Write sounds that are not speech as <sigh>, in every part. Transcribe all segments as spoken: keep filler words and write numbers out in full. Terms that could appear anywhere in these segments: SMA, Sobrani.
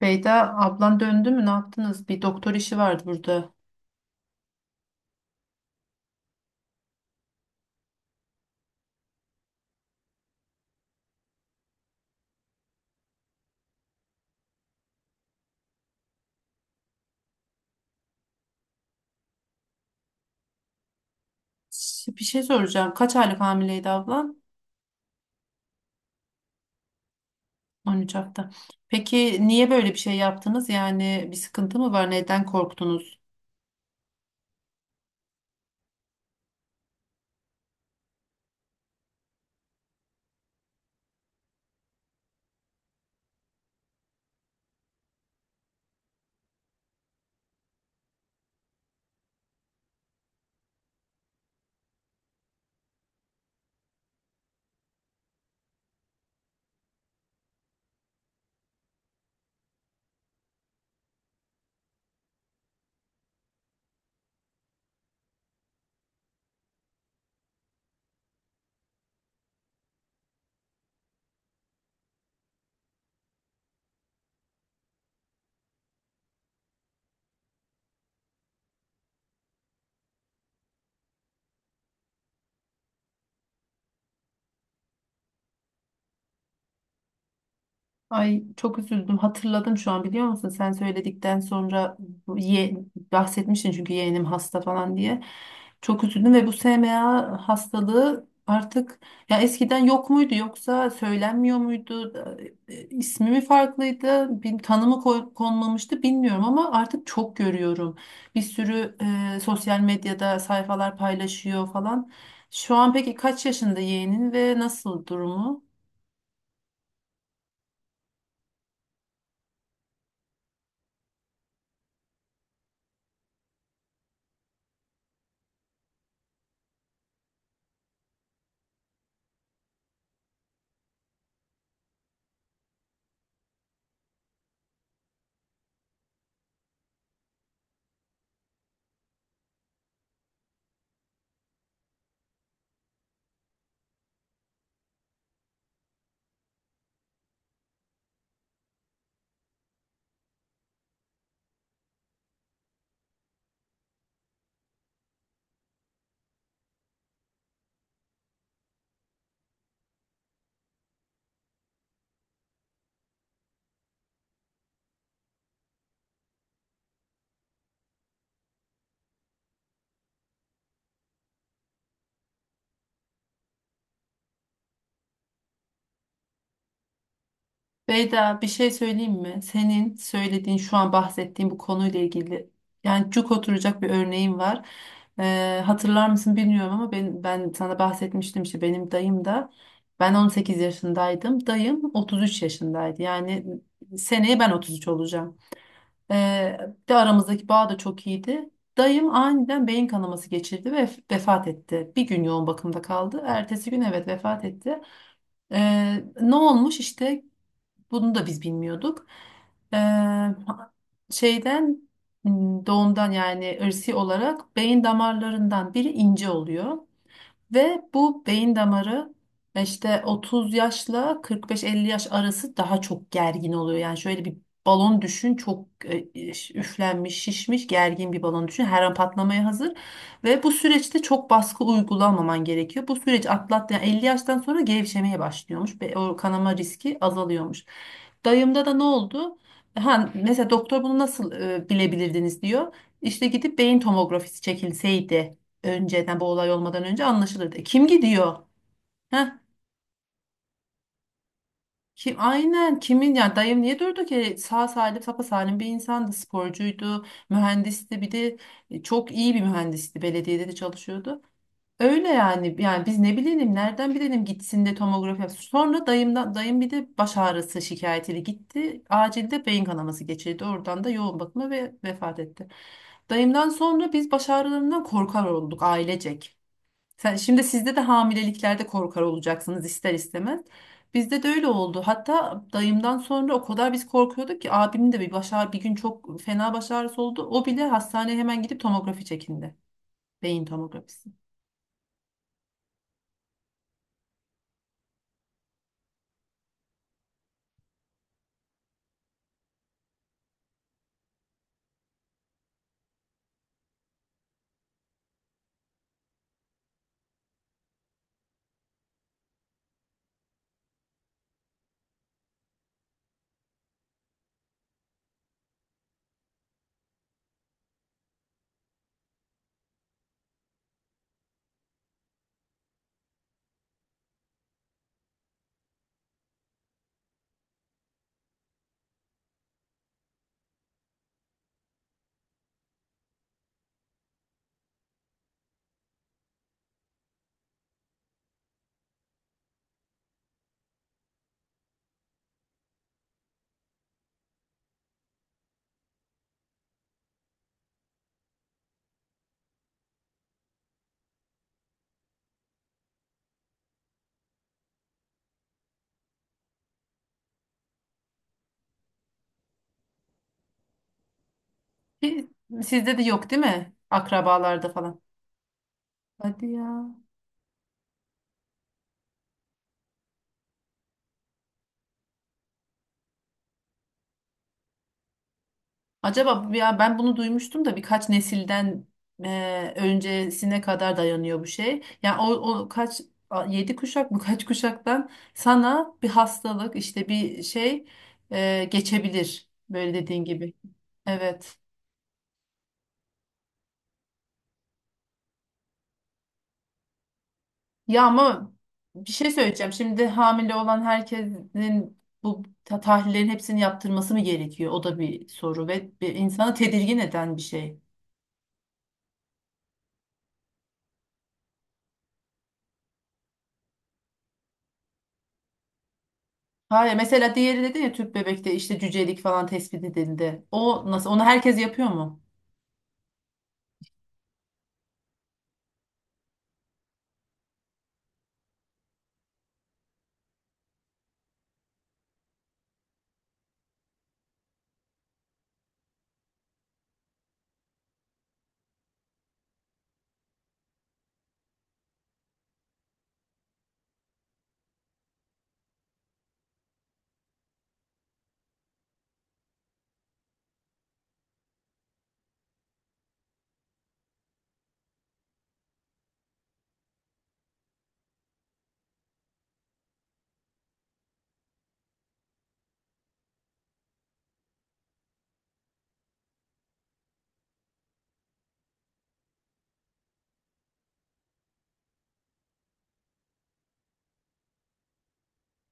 Beyda ablan döndü mü ne yaptınız? Bir doktor işi vardı burada. Ş- Bir şey soracağım. Kaç aylık hamileydi ablan? On üç hafta. Peki niye böyle bir şey yaptınız? Yani bir sıkıntı mı var? Neden korktunuz? Ay çok üzüldüm. Hatırladım şu an biliyor musun? Sen söyledikten sonra bu ye, bahsetmiştin çünkü yeğenim hasta falan diye. Çok üzüldüm ve bu S M A hastalığı artık ya eskiden yok muydu yoksa söylenmiyor muydu? E, e, İsmi mi farklıydı? Bir tanımı koy- konmamıştı bilmiyorum ama artık çok görüyorum. Bir sürü e, sosyal medyada sayfalar paylaşıyor falan. Şu an peki kaç yaşında yeğenin ve nasıl durumu? Beyda bir şey söyleyeyim mi? Senin söylediğin şu an bahsettiğin bu konuyla ilgili yani cuk oturacak bir örneğim var. Ee, hatırlar mısın bilmiyorum ama ben, ben sana bahsetmiştim işte benim dayım da ben on sekiz yaşındaydım. Dayım otuz üç yaşındaydı. Yani seneye ben otuz üç olacağım. Ee, de Aramızdaki bağ da çok iyiydi. Dayım aniden beyin kanaması geçirdi ve vefat etti. Bir gün yoğun bakımda kaldı. Ertesi gün evet vefat etti. Ee, ne olmuş işte bunu da biz bilmiyorduk. Ee, şeyden m, Doğumdan yani ırsi olarak beyin damarlarından biri ince oluyor. Ve bu beyin damarı işte otuz yaşla kırk beş elli yaş arası daha çok gergin oluyor. Yani şöyle bir balon düşün, çok e, üflenmiş, şişmiş, gergin bir balon düşün. Her an patlamaya hazır ve bu süreçte çok baskı uygulamaman gerekiyor. Bu süreç atlattı. Yani elli yaştan sonra gevşemeye başlıyormuş ve o kanama riski azalıyormuş. Dayımda da ne oldu? Ha, mesela doktor bunu nasıl e, bilebilirdiniz diyor. İşte gidip beyin tomografisi çekilseydi önceden bu olay olmadan önce anlaşılırdı. Kim gidiyor? Heh, kim aynen kimin ya, dayım niye durdu ki, sağ salim sapa salim bir insandı, sporcuydu, mühendisti bir de e, çok iyi bir mühendisti, belediyede de çalışıyordu. Öyle yani yani biz ne bilelim, nereden bilelim gitsin de tomografi yapsın. Sonra dayımdan dayım bir de baş ağrısı şikayetiyle gitti. Acilde beyin kanaması geçirdi. Oradan da yoğun bakıma ve vefat etti. Dayımdan sonra biz baş ağrılarından korkar olduk ailecek. Sen, şimdi sizde de hamileliklerde korkar olacaksınız ister istemez. Bizde de öyle oldu. Hatta dayımdan sonra o kadar biz korkuyorduk ki abimin de bir baş ağrı- bir gün çok fena baş ağrısı oldu. O bile hastaneye hemen gidip tomografi çekindi. Beyin tomografisi. Ki sizde de yok değil mi? Akrabalarda falan. Hadi ya. Acaba bu- ya ben bunu duymuştum da birkaç nesilden e, öncesine kadar dayanıyor bu şey. Yani o, o kaç a- yedi kuşak mı <laughs> kaç kuşaktan sana bir hastalık, işte bir şey e, geçebilir böyle dediğin gibi. Evet. Ya ama bir şey söyleyeceğim. Şimdi hamile olan herkesin bu ta- tahlillerin hepsini yaptırması mı gerekiyor? O da bir soru ve bir insanı tedirgin eden bir şey. Hayır mesela, diğeri dedi ya, tüp bebekte işte cücelik falan tespit edildi. O nasıl, onu herkes yapıyor mu?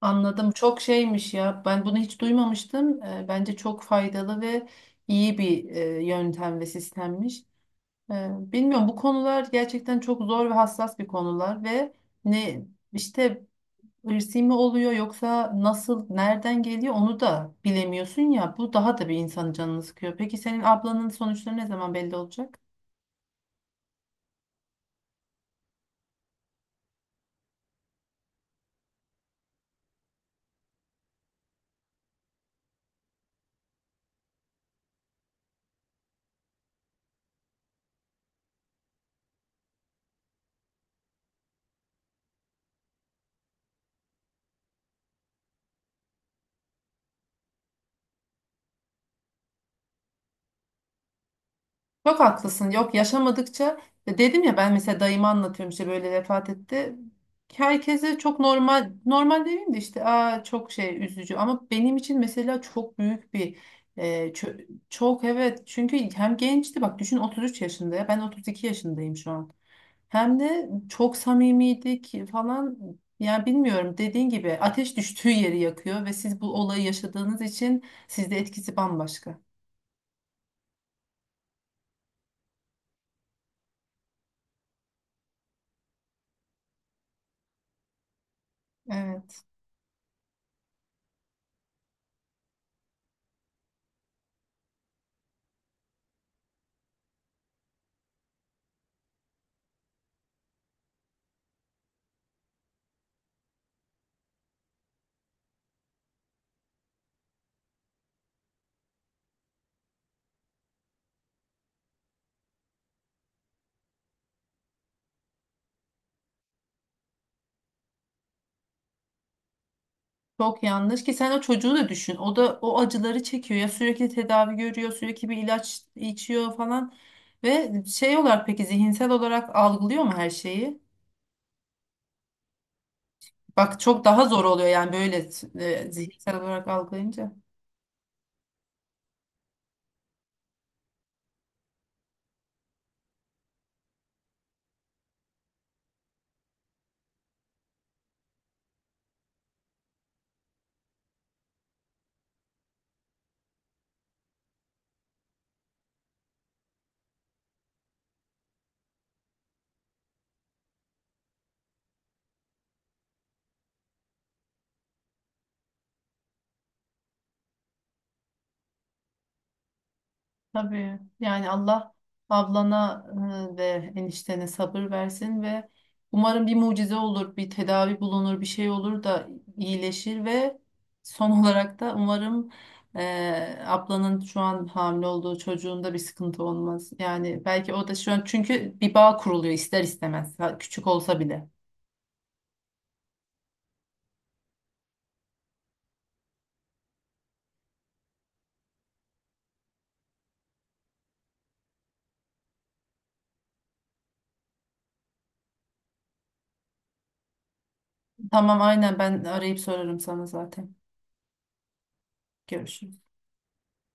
Anladım. Çok şeymiş ya. Ben bunu hiç duymamıştım. Ee, Bence çok faydalı ve iyi bir e, yöntem ve sistemmiş. Ee, Bilmiyorum, bu konular gerçekten çok zor ve hassas bir konular ve ne işte, ırsi mi oluyor yoksa nasıl, nereden geliyor onu da bilemiyorsun ya. Bu daha da bir insanın canını sıkıyor. Peki senin ablanın sonuçları ne zaman belli olacak? Çok haklısın. Yok, yaşamadıkça, dedim ya, ben mesela dayımı anlatıyorum işte, böyle vefat etti. Herkese çok normal, normal demeyeyim de işte, aa çok şey üzücü ama benim için mesela çok büyük bir e, çö- çok, evet, çünkü hem gençti, bak düşün, otuz üç yaşında, ya ben otuz iki yaşındayım şu an. Hem de çok samimiydik falan, yani bilmiyorum, dediğin gibi ateş düştüğü yeri yakıyor ve siz bu olayı yaşadığınız için sizde etkisi bambaşka. Evet. Çok yanlış, ki sen o çocuğu da düşün. O da o acıları çekiyor ya, sürekli tedavi görüyor, sürekli bir ilaç içiyor falan ve şey olarak, peki zihinsel olarak algılıyor mu her şeyi? Bak çok daha zor oluyor yani, böyle e, zihinsel olarak algılayınca. Tabii yani, Allah ablana e, ve eniştene sabır versin ve umarım bir mucize olur, bir tedavi bulunur, bir şey olur da iyileşir ve son <laughs> olarak da umarım e, ablanın şu an hamile olduğu çocuğunda bir sıkıntı olmaz. Yani belki o da şu an çünkü bir bağ kuruluyor ister istemez ha, küçük olsa bile. Tamam, aynen, ben arayıp sorarım sana zaten. Görüşürüz.